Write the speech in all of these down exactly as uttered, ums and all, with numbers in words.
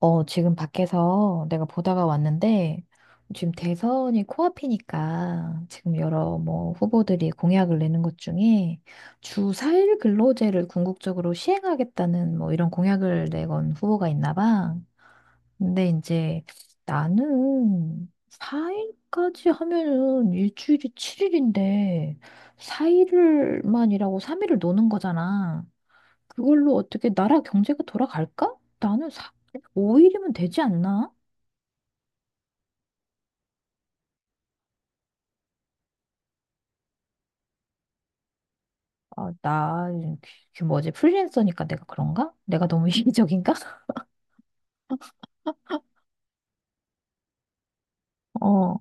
어, 지금 밖에서 내가 보다가 왔는데, 지금 대선이 코앞이니까, 지금 여러 뭐 후보들이 공약을 내는 것 중에 주 사 일 근로제를 궁극적으로 시행하겠다는 뭐 이런 공약을 내건 후보가 있나 봐. 근데 이제 나는 사 일까지 하면은 일주일이 칠 일인데, 사 일을만이라고 삼 일을 노는 거잖아. 그걸로 어떻게 나라 경제가 돌아갈까? 나는 사, 오 일이면 되지 않나? 아, 나, 그 그 뭐지, 프리랜서니까 내가 그런가? 내가 너무 이기적인가? 어,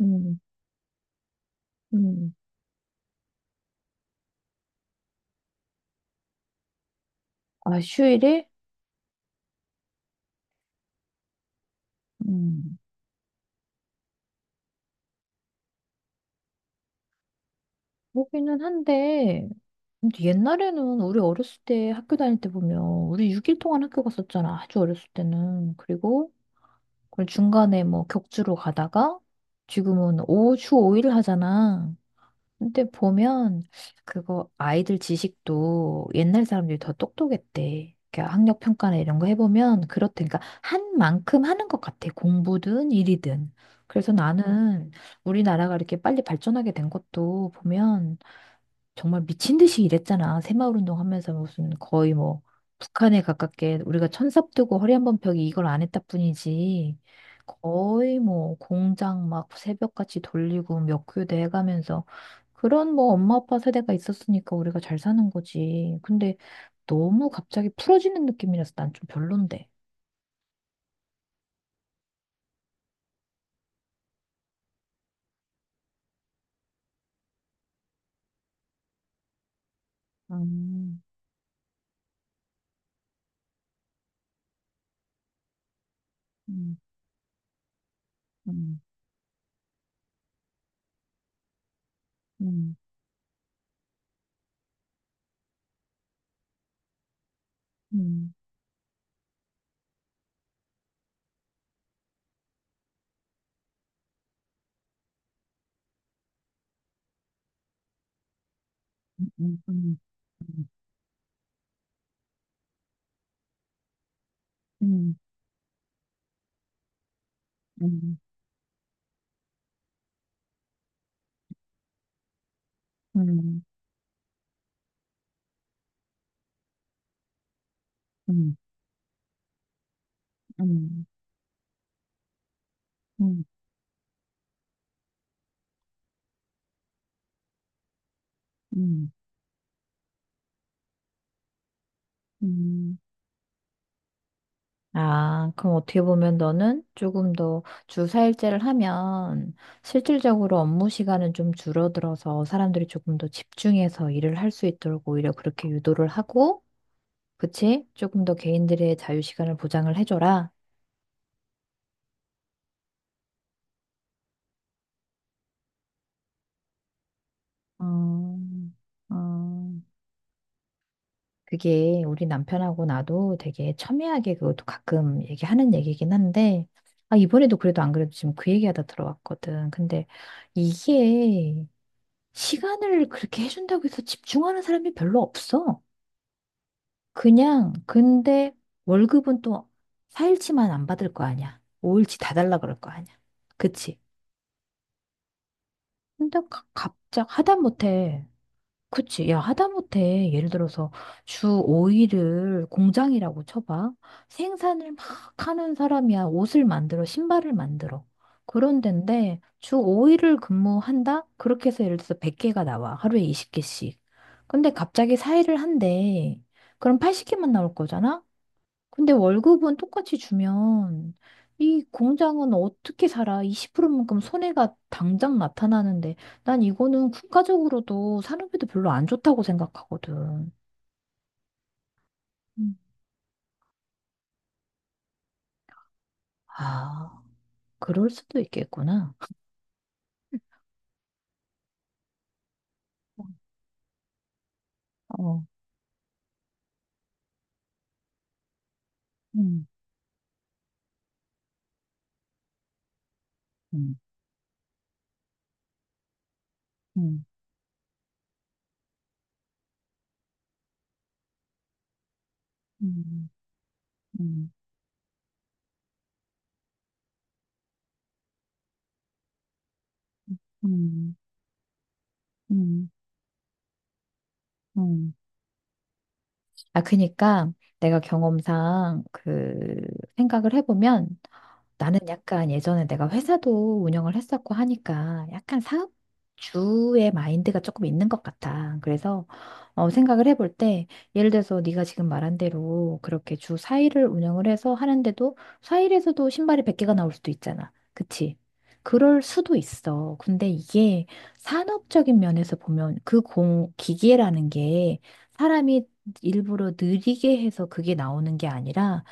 음, 음. 아, 휴일에? 음, 보기는 한데, 근데 옛날에는 우리 어렸을 때 학교 다닐 때 보면, 우리 육 일 동안 학교 갔었잖아. 아주 어렸을 때는. 그리고, 그 중간에 뭐 격주로 가다가, 지금은 오, 주 오 일 하잖아. 근데 보면 그거 아이들 지식도 옛날 사람들이 더 똑똑했대. 그러니까 학력 평가나 이런 거 해보면 그렇대. 그러니까 한 만큼 하는 것 같아. 공부든 일이든. 그래서 나는 우리나라가 이렇게 빨리 발전하게 된 것도 보면 정말 미친 듯이 일했잖아. 새마을 운동하면서 무슨 거의 뭐 북한에 가깝게 우리가 천삽 뜨고 허리 한번 펴기 이걸 안 했다 뿐이지. 거의 뭐 공장 막 새벽같이 돌리고 몇 교대 해가면서 그런 뭐 엄마 아빠 세대가 있었으니까 우리가 잘 사는 거지. 근데 너무 갑자기 풀어지는 느낌이라서 난 좀 별론데. 음, 음, 음, 음, 음, 음, 음, 음, 음, 음, 음, 음, 음, 음. 음, 음. 아, 그럼 어떻게 보면 너는 조금 더 주사일제를 하면 실질적으로 업무 시간은 좀 줄어들어서 사람들이 조금 더 집중해서 일을 할 수 있도록 오히려 그렇게 유도를 하고, 그치? 조금 더 개인들의 자유 시간을 보장을 해줘라. 음, 음. 그게 우리 남편하고 나도 되게 첨예하게 그것도 가끔 얘기하는 얘기긴 한데, 아, 이번에도 그래도 안 그래도 지금 그 얘기하다 들어왔거든. 근데 이게 시간을 그렇게 해준다고 해서 집중하는 사람이 별로 없어. 그냥, 근데 월급은 또 사 일치만 안 받을 거 아니야. 오 일치 다 달라 그럴 거 아니야. 그치? 근데 가, 갑작 하다못해 그치. 야, 하다못해 예를 들어서 주 오 일을 공장이라고 쳐봐. 생산을 막 하는 사람이야. 옷을 만들어, 신발을 만들어. 그런 데인데 주 오 일을 근무한다? 그렇게 해서 예를 들어서 백 개가 나와. 하루에 이십 개씩. 근데 갑자기 사 일을 한대. 그럼 팔십 개만 나올 거잖아? 근데 월급은 똑같이 주면 이 공장은 어떻게 살아? 이십 퍼센트만큼 손해가 당장 나타나는데 난 이거는 국가적으로도 산업에도 별로 안 좋다고 생각하거든. 음, 아, 그럴 수도 있겠구나. 어, 음, 음, 음, 음, 음, 음, 음, 음. 아, 그니까 내가 경험상 그 생각을 해보면 나는 약간 예전에 내가 회사도 운영을 했었고 하니까 약간 사업주의 마인드가 조금 있는 것 같아. 그래서 어, 생각을 해볼 때 예를 들어서 네가 지금 말한 대로 그렇게 주 사 일을 운영을 해서 하는데도 사 일에서도 신발이 백 개가 나올 수도 있잖아. 그치? 그럴 수도 있어. 근데 이게 산업적인 면에서 보면 그 공, 기계라는 게 사람이 일부러 느리게 해서 그게 나오는 게 아니라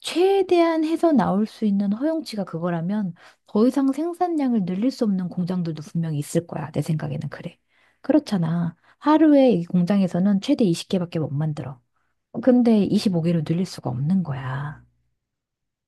최대한 해서 나올 수 있는 허용치가 그거라면 더 이상 생산량을 늘릴 수 없는 공장들도 분명히 있을 거야. 내 생각에는 그래. 그렇잖아. 하루에 이 공장에서는 최대 이십 개밖에 못 만들어. 근데 이십오 개로 늘릴 수가 없는 거야.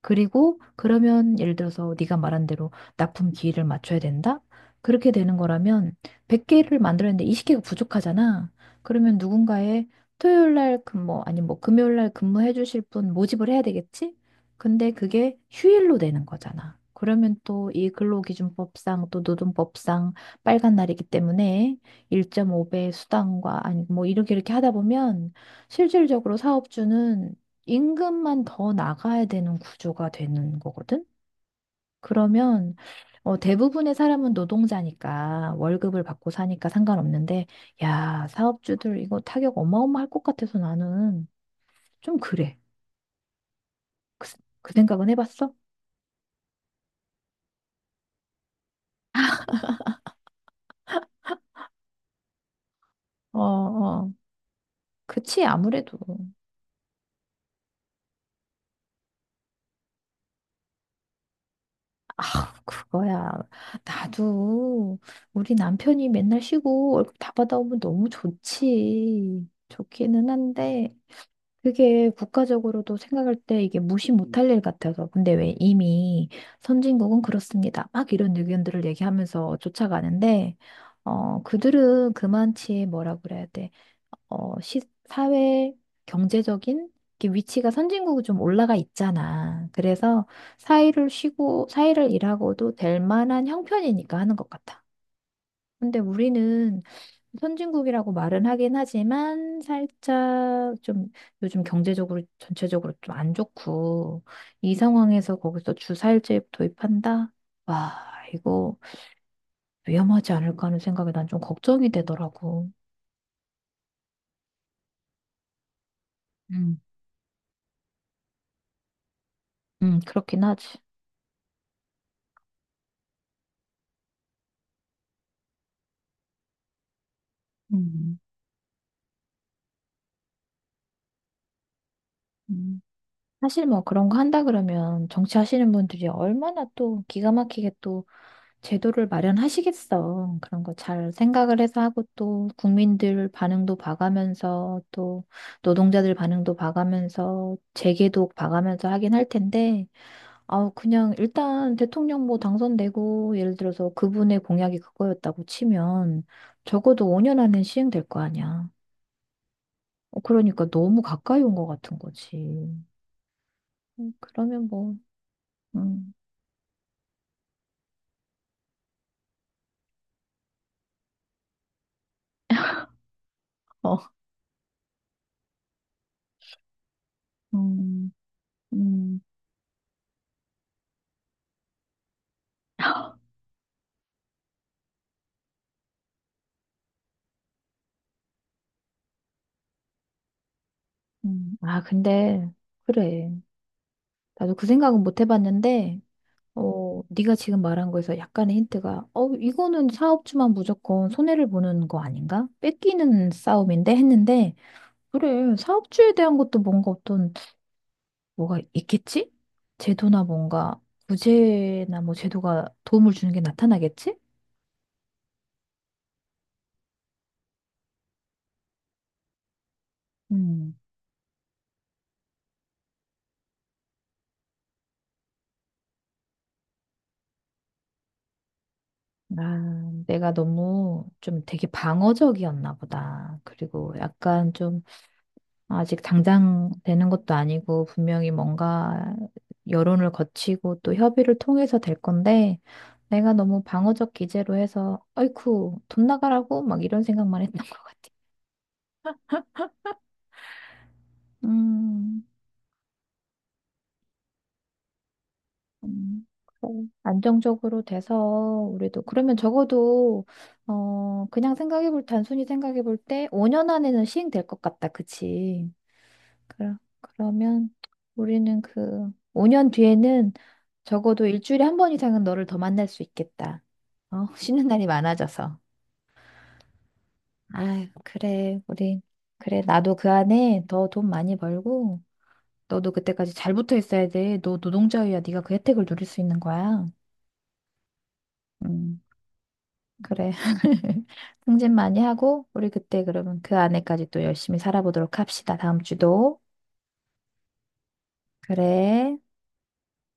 그리고 그러면 예를 들어서 네가 말한 대로 납품 기일을 맞춰야 된다? 그렇게 되는 거라면 백 개를 만들었는데 이십 개가 부족하잖아. 그러면 누군가의 토요일 날 근무 뭐 아니 뭐 금요일 날 근무해 주실 분 모집을 해야 되겠지? 근데 그게 휴일로 되는 거잖아. 그러면 또 이 근로기준법상 또 노동법상 빨간 날이기 때문에 일 점 오 배 수당과 아니 뭐 이렇게 이렇게 하다 보면 실질적으로 사업주는 임금만 더 나가야 되는 구조가 되는 거거든? 그러면 어, 대부분의 사람은 노동자니까 월급을 받고 사니까 상관없는데, 야, 사업주들 이거 타격 어마어마할 것 같아서 나는 좀 그래. 그, 그 생각은 해봤어? 어, 어. 그치, 아무래도. 그거야. 나도 우리 남편이 맨날 쉬고 월급 다 받아오면 너무 좋지. 좋기는 한데, 그게 국가적으로도 생각할 때 이게 무시 음, 못할 일 같아서. 근데 왜 이미 선진국은 그렇습니다. 막 이런 의견들을 얘기하면서 쫓아가는데, 어, 그들은 그만치 뭐라 그래야 돼. 어, 시, 사회, 경제적인 이렇게 위치가 선진국이 좀 올라가 있잖아. 그래서 사이를 쉬고, 사이를 일하고도 될 만한 형편이니까 하는 것 같아. 근데 우리는 선진국이라고 말은 하긴 하지만 살짝 좀 요즘 경제적으로 전체적으로 좀 안 좋고 이 상황에서 거기서 주사일제 도입한다? 와, 이거 위험하지 않을까 하는 생각에 난 좀 걱정이 되더라고. 음, 음, 그렇긴 하지. 음, 음. 사실 뭐 그런 거 한다 그러면 정치하시는 분들이 얼마나 또 기가 막히게 또 제도를 마련하시겠어. 그런 거 잘 생각을 해서 하고 또 국민들 반응도 봐가면서 또 노동자들 반응도 봐가면서 재개도 봐가면서 하긴 할 텐데 아우 그냥 일단 대통령 뭐 당선되고 예를 들어서 그분의 공약이 그거였다고 치면 적어도 오 년 안에 시행될 거 아니야. 어, 그러니까 너무 가까이 온 것 같은 거지. 음, 그러면 뭐, 음, 어, 음, 음, 음. 아, 근데, 그래. 나도 그 생각은 못 해봤는데, 어, 네가 지금 말한 거에서 약간의 힌트가, 어, 이거는 사업주만 무조건 손해를 보는 거 아닌가? 뺏기는 싸움인데 했는데, 그래, 사업주에 대한 것도 뭔가 어떤, 뭐가 있겠지? 제도나 뭔가, 구제나 뭐 제도가 도움을 주는 게 나타나겠지? 음, 아, 내가 너무 좀 되게 방어적이었나 보다. 그리고 약간 좀 아직 당장 되는 것도 아니고 분명히 뭔가 여론을 거치고 또 협의를 통해서 될 건데 내가 너무 방어적 기제로 해서 어이쿠 돈 나가라고 막 이런 생각만 했던 것 같아. 음, 음, 그래. 안정적으로 돼서 우리도 그러면 적어도 어 그냥 생각해 볼 단순히 생각해 볼 때 오 년 안에는 시행될 것 같다. 그치? 그럼, 그러면 우리는 그 오 년 뒤에는 적어도 일주일에 한 번 이상은 너를 더 만날 수 있겠다. 어, 쉬는 날이 많아져서. 아유, 그래, 우리. 그래, 나도 그 안에 더 돈 많이 벌고, 너도 그때까지 잘 붙어 있어야 돼. 너 노동자유야. 네가 그 혜택을 누릴 수 있는 거야. 음, 그래. 승진 많이 하고, 우리 그때 그러면 그 안에까지 또 열심히 살아보도록 합시다. 다음 주도. 그래.